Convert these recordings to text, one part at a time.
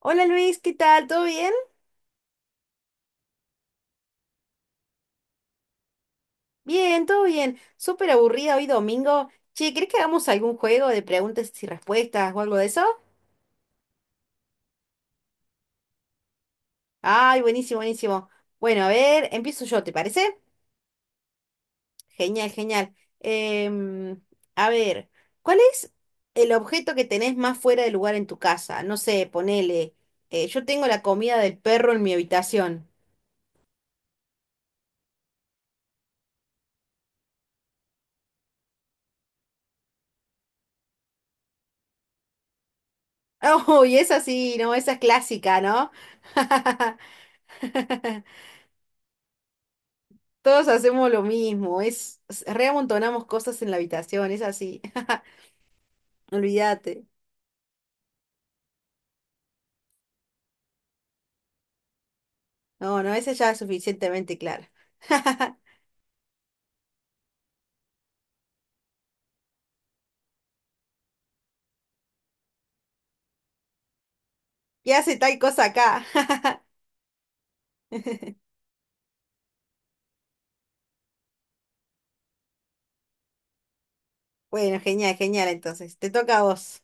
Hola Luis, ¿qué tal? ¿Todo bien? Bien, todo bien. Súper aburrida hoy domingo. Che, ¿crees que hagamos algún juego de preguntas y respuestas o algo de eso? Ay, buenísimo, buenísimo. Bueno, a ver, empiezo yo, ¿te parece? Genial, genial. Em, a ver, ¿cuál es el objeto que tenés más fuera de lugar en tu casa? No sé, ponele. Yo tengo la comida del perro en mi habitación. Oh, y esa sí, no, esa es clásica, ¿no? Todos hacemos lo mismo, reamontonamos cosas en la habitación, es así. Olvídate. No, no, esa ya es suficientemente clara. ¿Qué hace tal cosa acá? Bueno, genial, genial. Entonces, te toca a vos.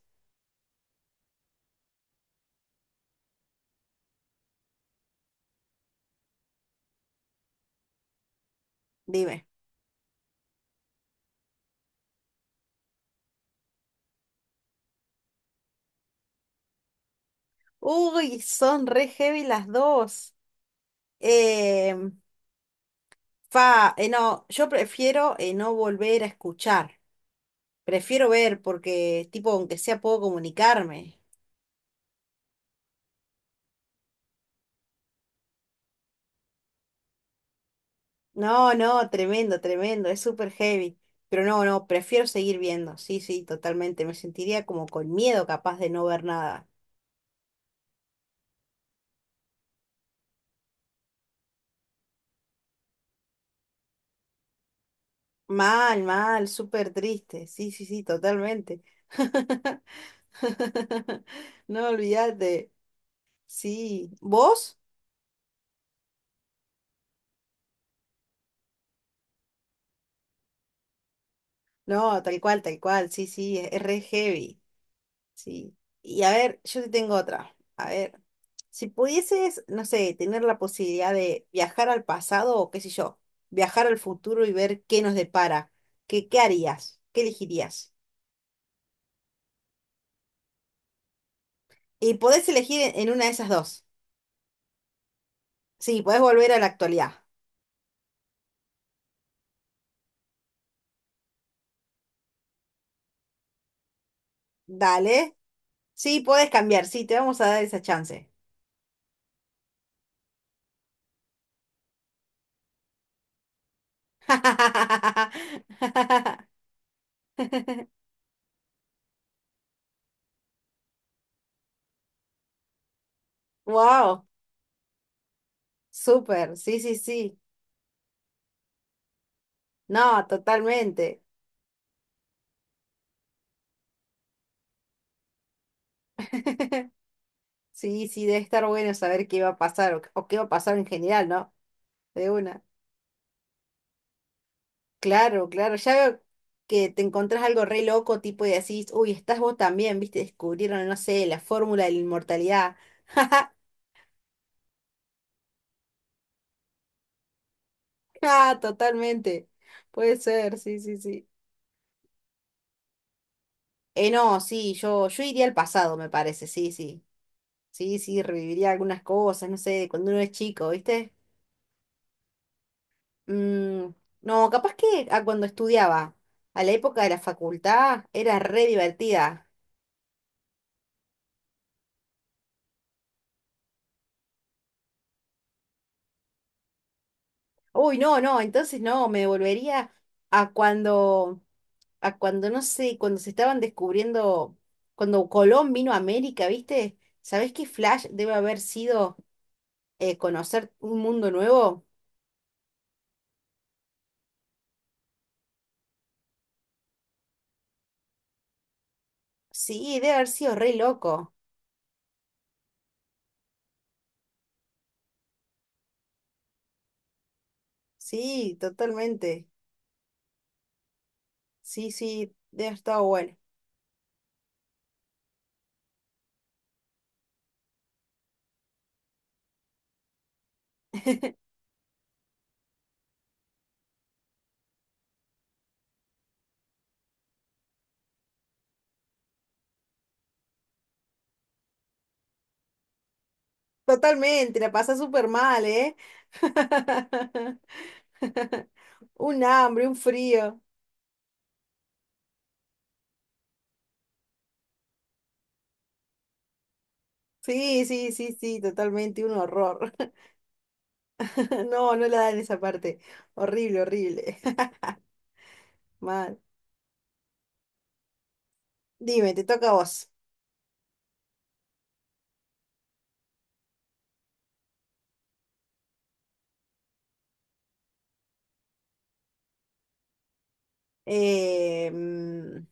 Dime. Uy, son re heavy las dos. Em, no, yo prefiero no volver a escuchar. Prefiero ver porque, tipo, aunque sea, puedo comunicarme. No, no, tremendo, tremendo, es súper heavy. Pero no, no, prefiero seguir viendo. Sí, sí, totalmente. Me sentiría como con miedo capaz de no ver nada. Mal, mal, súper triste. Sí, sí, sí, totalmente. No, olvídate. Sí. ¿Vos? No, tal cual, tal cual. Sí, sí, es re heavy. Sí. Y a ver, yo te tengo otra. A ver, si pudieses, no sé, tener la posibilidad de viajar al pasado o qué sé yo, viajar al futuro y ver qué nos depara, ¿qué, qué harías? ¿Qué elegirías? Y podés elegir en una de esas dos. Sí, podés volver a la actualidad. Dale. Sí, podés cambiar. Sí, te vamos a dar esa chance. Wow, súper. Sí, sí, sí. No, totalmente. Sí, sí, debe estar bueno saber qué va a pasar o qué va a pasar en general, ¿no? De una. Claro, claro. Ya veo que te encontrás algo re loco, tipo, y decís, uy, estás vos también, ¿viste? Descubrieron, no sé, la fórmula de la inmortalidad. Ah, totalmente. Puede ser, sí, sí, sí. No, sí, yo iría al pasado, me parece, sí, sí. Sí, sí, reviviría algunas cosas, no sé, cuando uno es chico, ¿viste? Mm, no, capaz que a cuando estudiaba, a la época de la facultad, era re divertida. Uy, no, no, entonces no, me volvería a cuando, a cuando, no sé, cuando se estaban descubriendo, cuando Colón vino a América, ¿viste? ¿Sabés qué flash debe haber sido conocer un mundo nuevo? Sí, debe haber sido re loco. Sí, totalmente. Sí, sí, debe haber estado bueno. Totalmente, la pasa súper mal, ¿eh? Un hambre, un frío. Sí, sí, sí, sí, totalmente, un horror. No, no la dan esa parte. Horrible, horrible. Mal. Dime, te toca a vos. Eh, mm,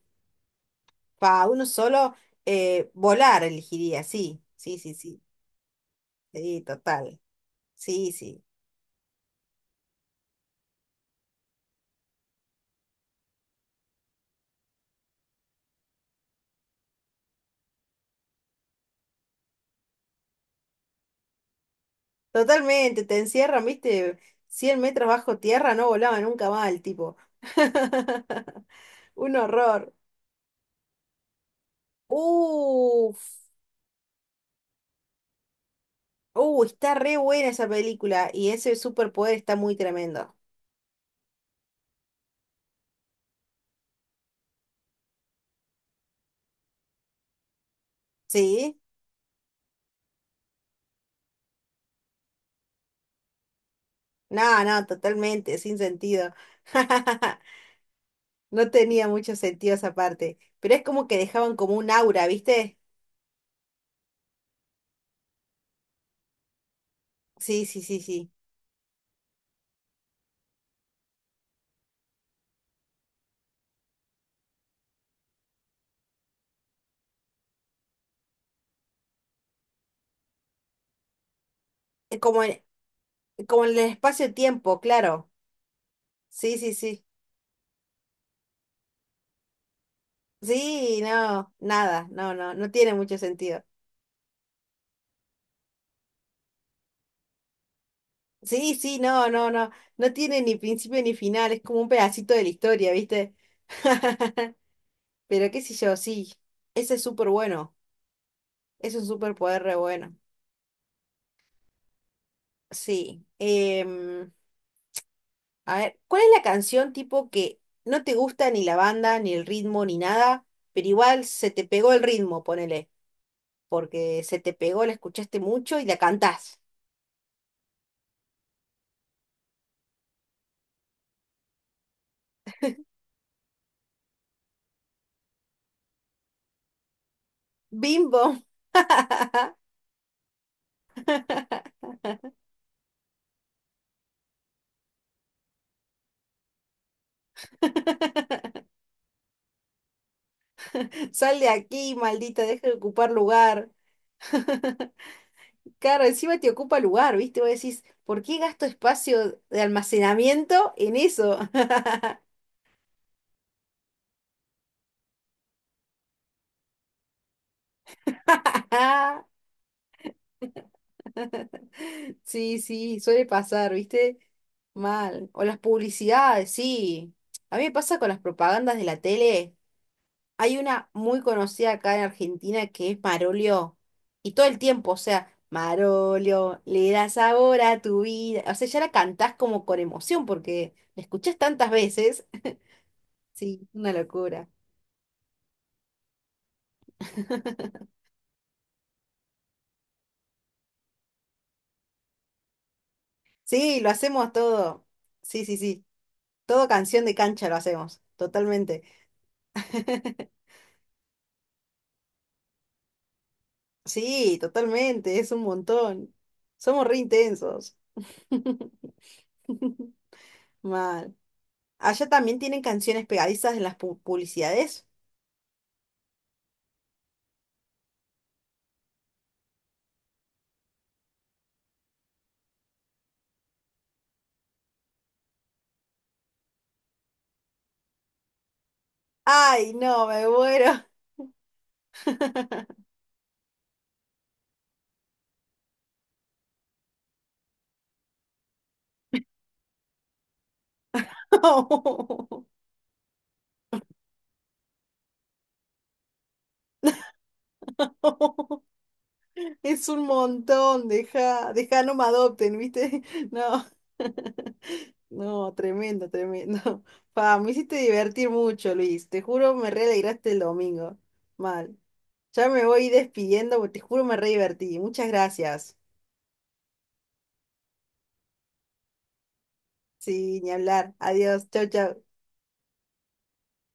uno solo, volar elegiría, sí, sí, sí, sí. Sí, total. Sí, sí. Totalmente, te encierran, viste, 100 metros bajo tierra, no volaba nunca más el tipo. Un horror. Uf, Está re buena esa película y ese superpoder está muy tremendo. ¿Sí? No, no, totalmente, sin sentido. No tenía mucho sentido esa parte, pero es como que dejaban como un aura, ¿viste? Sí, sí, sí, sí. Es como en, como en el espacio-tiempo, claro. Sí, sí, sí. Sí, no, nada, no, no, no tiene mucho sentido. Sí, sí, no, no, no, no tiene ni principio ni final, es como un pedacito de la historia, ¿viste? Pero qué sé yo, sí, ese es súper bueno, es un superpoder re bueno. Sí. A ver, ¿cuál es la canción tipo que no te gusta ni la banda, ni el ritmo, ni nada, pero igual se te pegó el ritmo, ponele, porque se te pegó, la escuchaste mucho y la cantás? Bimbo. Sal de aquí, maldita, deja de ocupar lugar. Claro, encima te ocupa lugar, ¿viste? Vos decís, ¿por qué gasto espacio de almacenamiento en eso? Sí, sí, suele pasar, ¿viste? Mal. O las publicidades, sí. A mí me pasa con las propagandas de la tele. Hay una muy conocida acá en Argentina que es Marolio. Y todo el tiempo, o sea, Marolio, le da sabor a tu vida. O sea, ya la cantás como con emoción porque la escuchás tantas veces. Sí, una locura. Sí, lo hacemos todo. Sí, sí, sí. Todo canción de cancha lo hacemos, totalmente. Sí, totalmente, es un montón. Somos re intensos. Mal. ¿Allá también tienen canciones pegadizas en las publicidades? Ay, no, me muero. Es un montón, deja, deja, no me adopten, ¿viste? No, no, tremendo, tremendo. Pa, me hiciste divertir mucho, Luis. Te juro, me re alegraste el domingo. Mal. Ya me voy despidiendo, porque te juro, me re divertí. Muchas gracias. Sí, ni hablar. Adiós. Chau, chau.